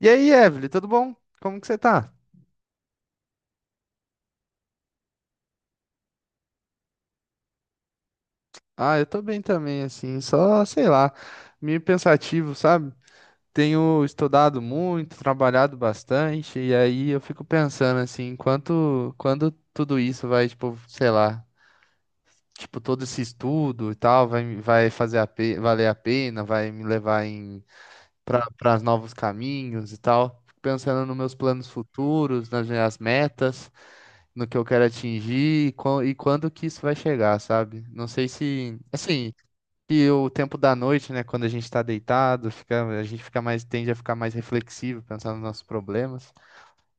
E aí, Evelyn, tudo bom? Como que você tá? Ah, eu tô bem também, assim, só, sei lá, meio pensativo, sabe? Tenho estudado muito, trabalhado bastante, e aí eu fico pensando, assim, quanto, quando tudo isso vai, tipo, sei lá, tipo, todo esse estudo e tal, vai fazer valer a pena, vai me levar para novos caminhos e tal. Fico pensando nos meus planos futuros, nas minhas metas, no que eu quero atingir e, e quando que isso vai chegar, sabe? Não sei se, assim, que o tempo da noite, né, quando a gente está deitado, fica, a gente fica mais, tende a ficar mais reflexivo, pensando nos nossos problemas.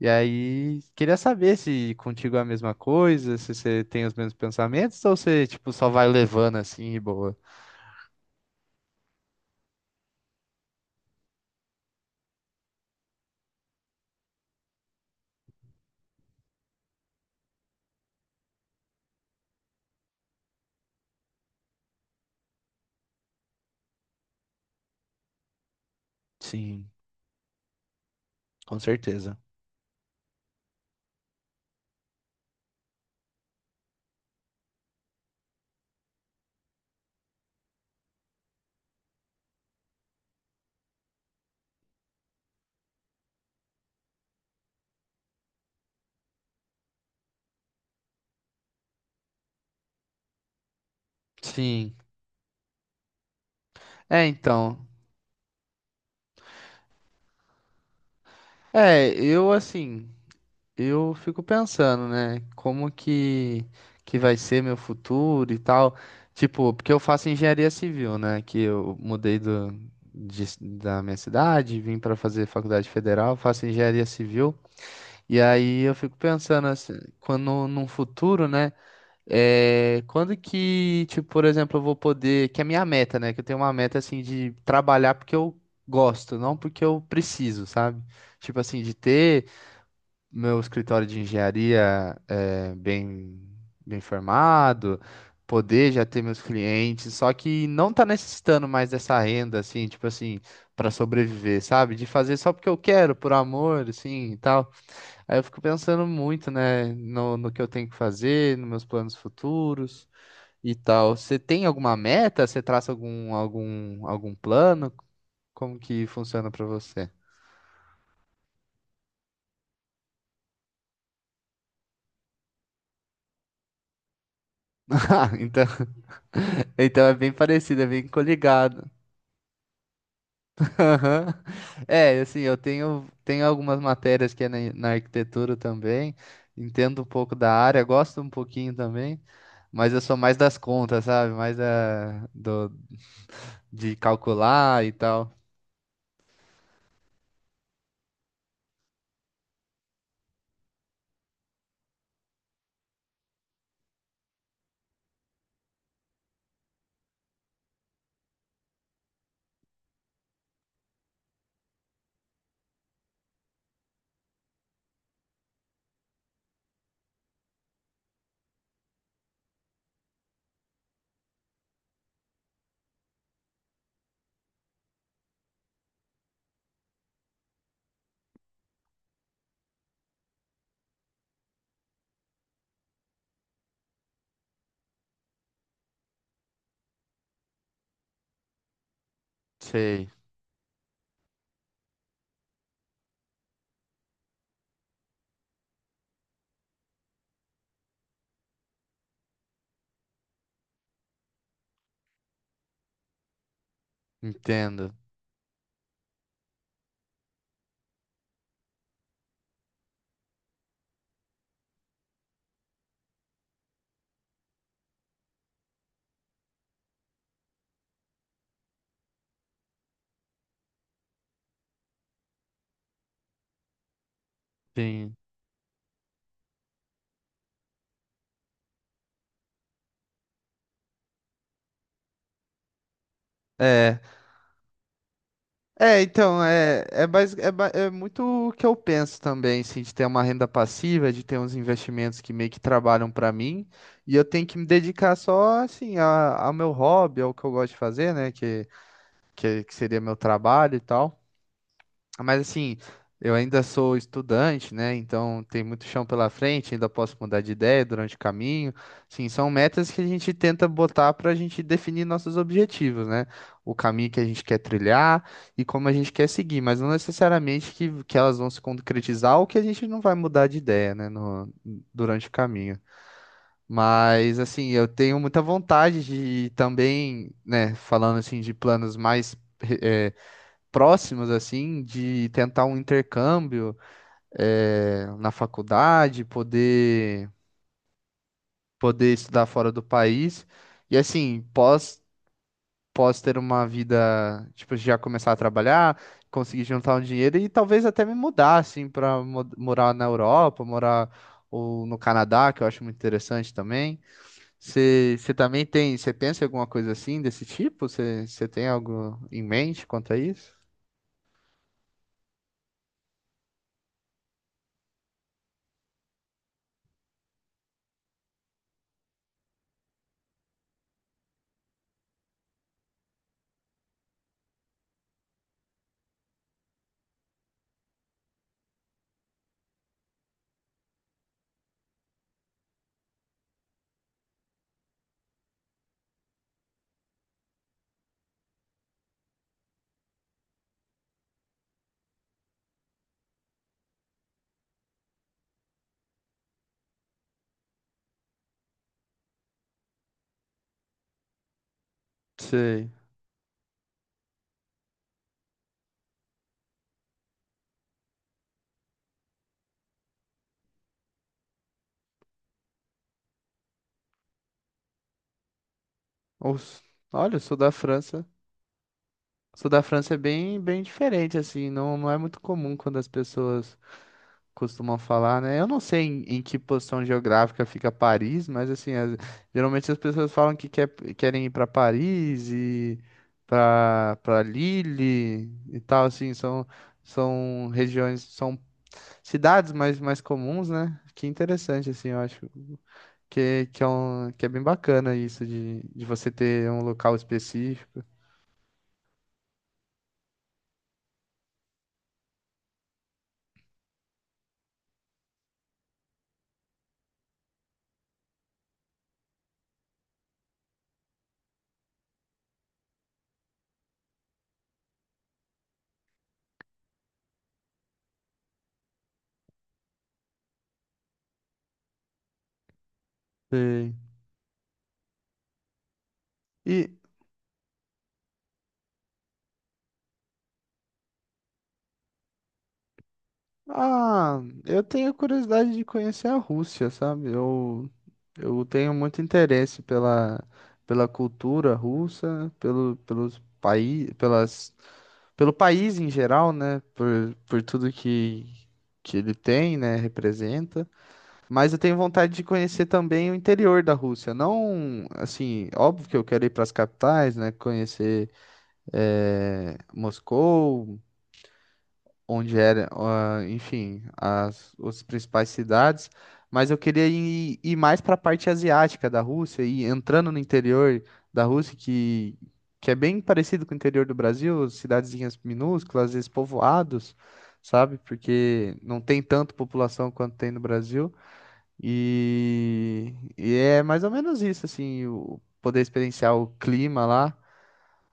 E aí, queria saber se contigo é a mesma coisa, se você tem os mesmos pensamentos ou você, tipo, só vai levando assim e boa. Sim, com certeza. Sim. É, então. É, eu assim, eu fico pensando, né, como que vai ser meu futuro e tal. Tipo, porque eu faço engenharia civil, né, que eu mudei do, de da minha cidade, vim para fazer faculdade federal, faço engenharia civil. E aí eu fico pensando assim, quando num futuro, né, é, quando que, tipo, por exemplo, eu vou poder, que é a minha meta, né, que eu tenho uma meta assim de trabalhar porque eu gosto, não porque eu preciso, sabe? Tipo assim, de ter meu escritório de engenharia é bem, bem formado, poder já ter meus clientes, só que não tá necessitando mais dessa renda, assim, tipo assim, para sobreviver, sabe? De fazer só porque eu quero, por amor, assim, e tal. Aí eu fico pensando muito, né, no, no que eu tenho que fazer, nos meus planos futuros e tal. Você tem alguma meta? Você traça algum, algum, algum plano? Como que funciona para você? Ah, então, então é bem parecido, é bem coligado. Aham. É, assim, eu tenho, tenho algumas matérias que é na, na arquitetura também, entendo um pouco da área, gosto um pouquinho também, mas eu sou mais das contas, sabe? Mais da, do, de calcular e tal. Sei, entendo. Sim. É, É, então, é muito o que eu penso também, assim, de ter uma renda passiva, de ter uns investimentos que meio que trabalham pra mim, e eu tenho que me dedicar só, assim, ao meu hobby, ao que eu gosto de fazer, né, que seria meu trabalho e tal. Mas assim, eu ainda sou estudante, né? Então tem muito chão pela frente, ainda posso mudar de ideia durante o caminho. Sim, são metas que a gente tenta botar para a gente definir nossos objetivos, né? O caminho que a gente quer trilhar e como a gente quer seguir, mas não necessariamente que, elas vão se concretizar ou que a gente não vai mudar de ideia, né? No, durante o caminho. Mas assim, eu tenho muita vontade de também, né? Falando assim de planos mais eh, próximos, assim, de tentar um intercâmbio, é, na faculdade, poder estudar fora do país. E assim, pós ter uma vida, tipo, já começar a trabalhar, conseguir juntar um dinheiro e talvez até me mudar, assim, para morar na Europa, morar ou no Canadá, que eu acho muito interessante também. Você também tem, você pensa em alguma coisa assim, desse tipo? Você tem algo em mente quanto a isso? Sei. Ou, s- Olha, eu sou da França. Sou da França é bem, bem diferente, assim. Não, não é muito comum quando as pessoas costumam falar, né? Eu não sei em, em que posição geográfica fica Paris, mas, assim, geralmente as pessoas falam que quer, querem ir para Paris e para Lille e tal, assim. São, são regiões, são cidades mais, mais comuns, né? Que interessante, assim, eu acho que, é um, que é bem bacana isso de você ter um local específico. Sei. E, ah, eu tenho curiosidade de conhecer a Rússia, sabe? Eu tenho muito interesse pela, pela cultura russa, pelo, pelos país, pelas, pelo país em geral, né? Por tudo que ele tem, né? Representa. Mas eu tenho vontade de conhecer também o interior da Rússia. Não, assim, óbvio que eu quero ir para as capitais, né? Conhecer, Moscou. Onde era, ah, enfim, as principais cidades, mas eu queria ir, ir mais para a parte asiática da Rússia e entrando no interior da Rússia, que é bem parecido com o interior do Brasil, cidadezinhas minúsculas, às vezes povoados, sabe? Porque não tem tanto população quanto tem no Brasil. E é mais ou menos isso, assim, o, poder experienciar o clima lá.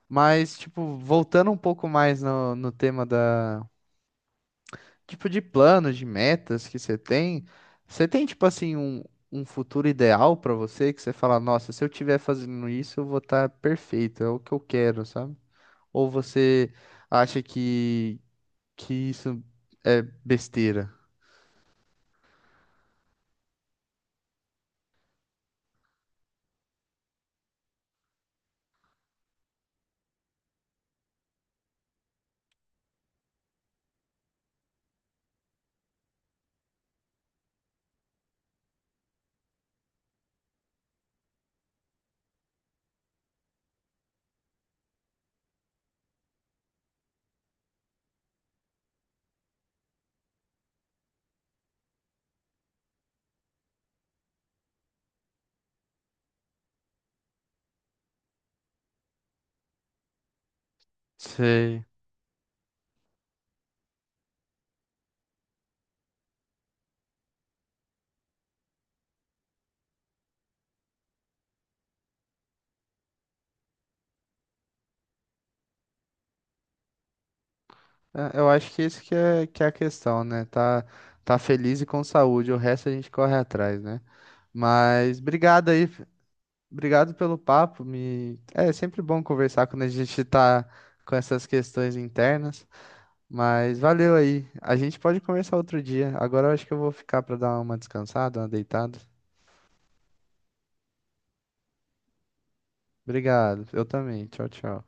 Mas, tipo, voltando um pouco mais no, no tema da, tipo de planos, de metas que você tem? Você tem, tipo assim, um futuro ideal pra você que você fala, nossa, se eu tiver fazendo isso, eu vou estar perfeito, é o que eu quero, sabe? Ou você acha que isso é besteira? Sei. É, eu acho que isso que é a questão, né? Tá, tá feliz e com saúde, o resto a gente corre atrás, né? Mas obrigado aí, obrigado pelo papo. Me... É sempre bom conversar quando a gente tá com essas questões internas, mas valeu aí. A gente pode conversar outro dia. Agora eu acho que eu vou ficar para dar uma descansada, uma deitada. Obrigado. Eu também. Tchau, tchau.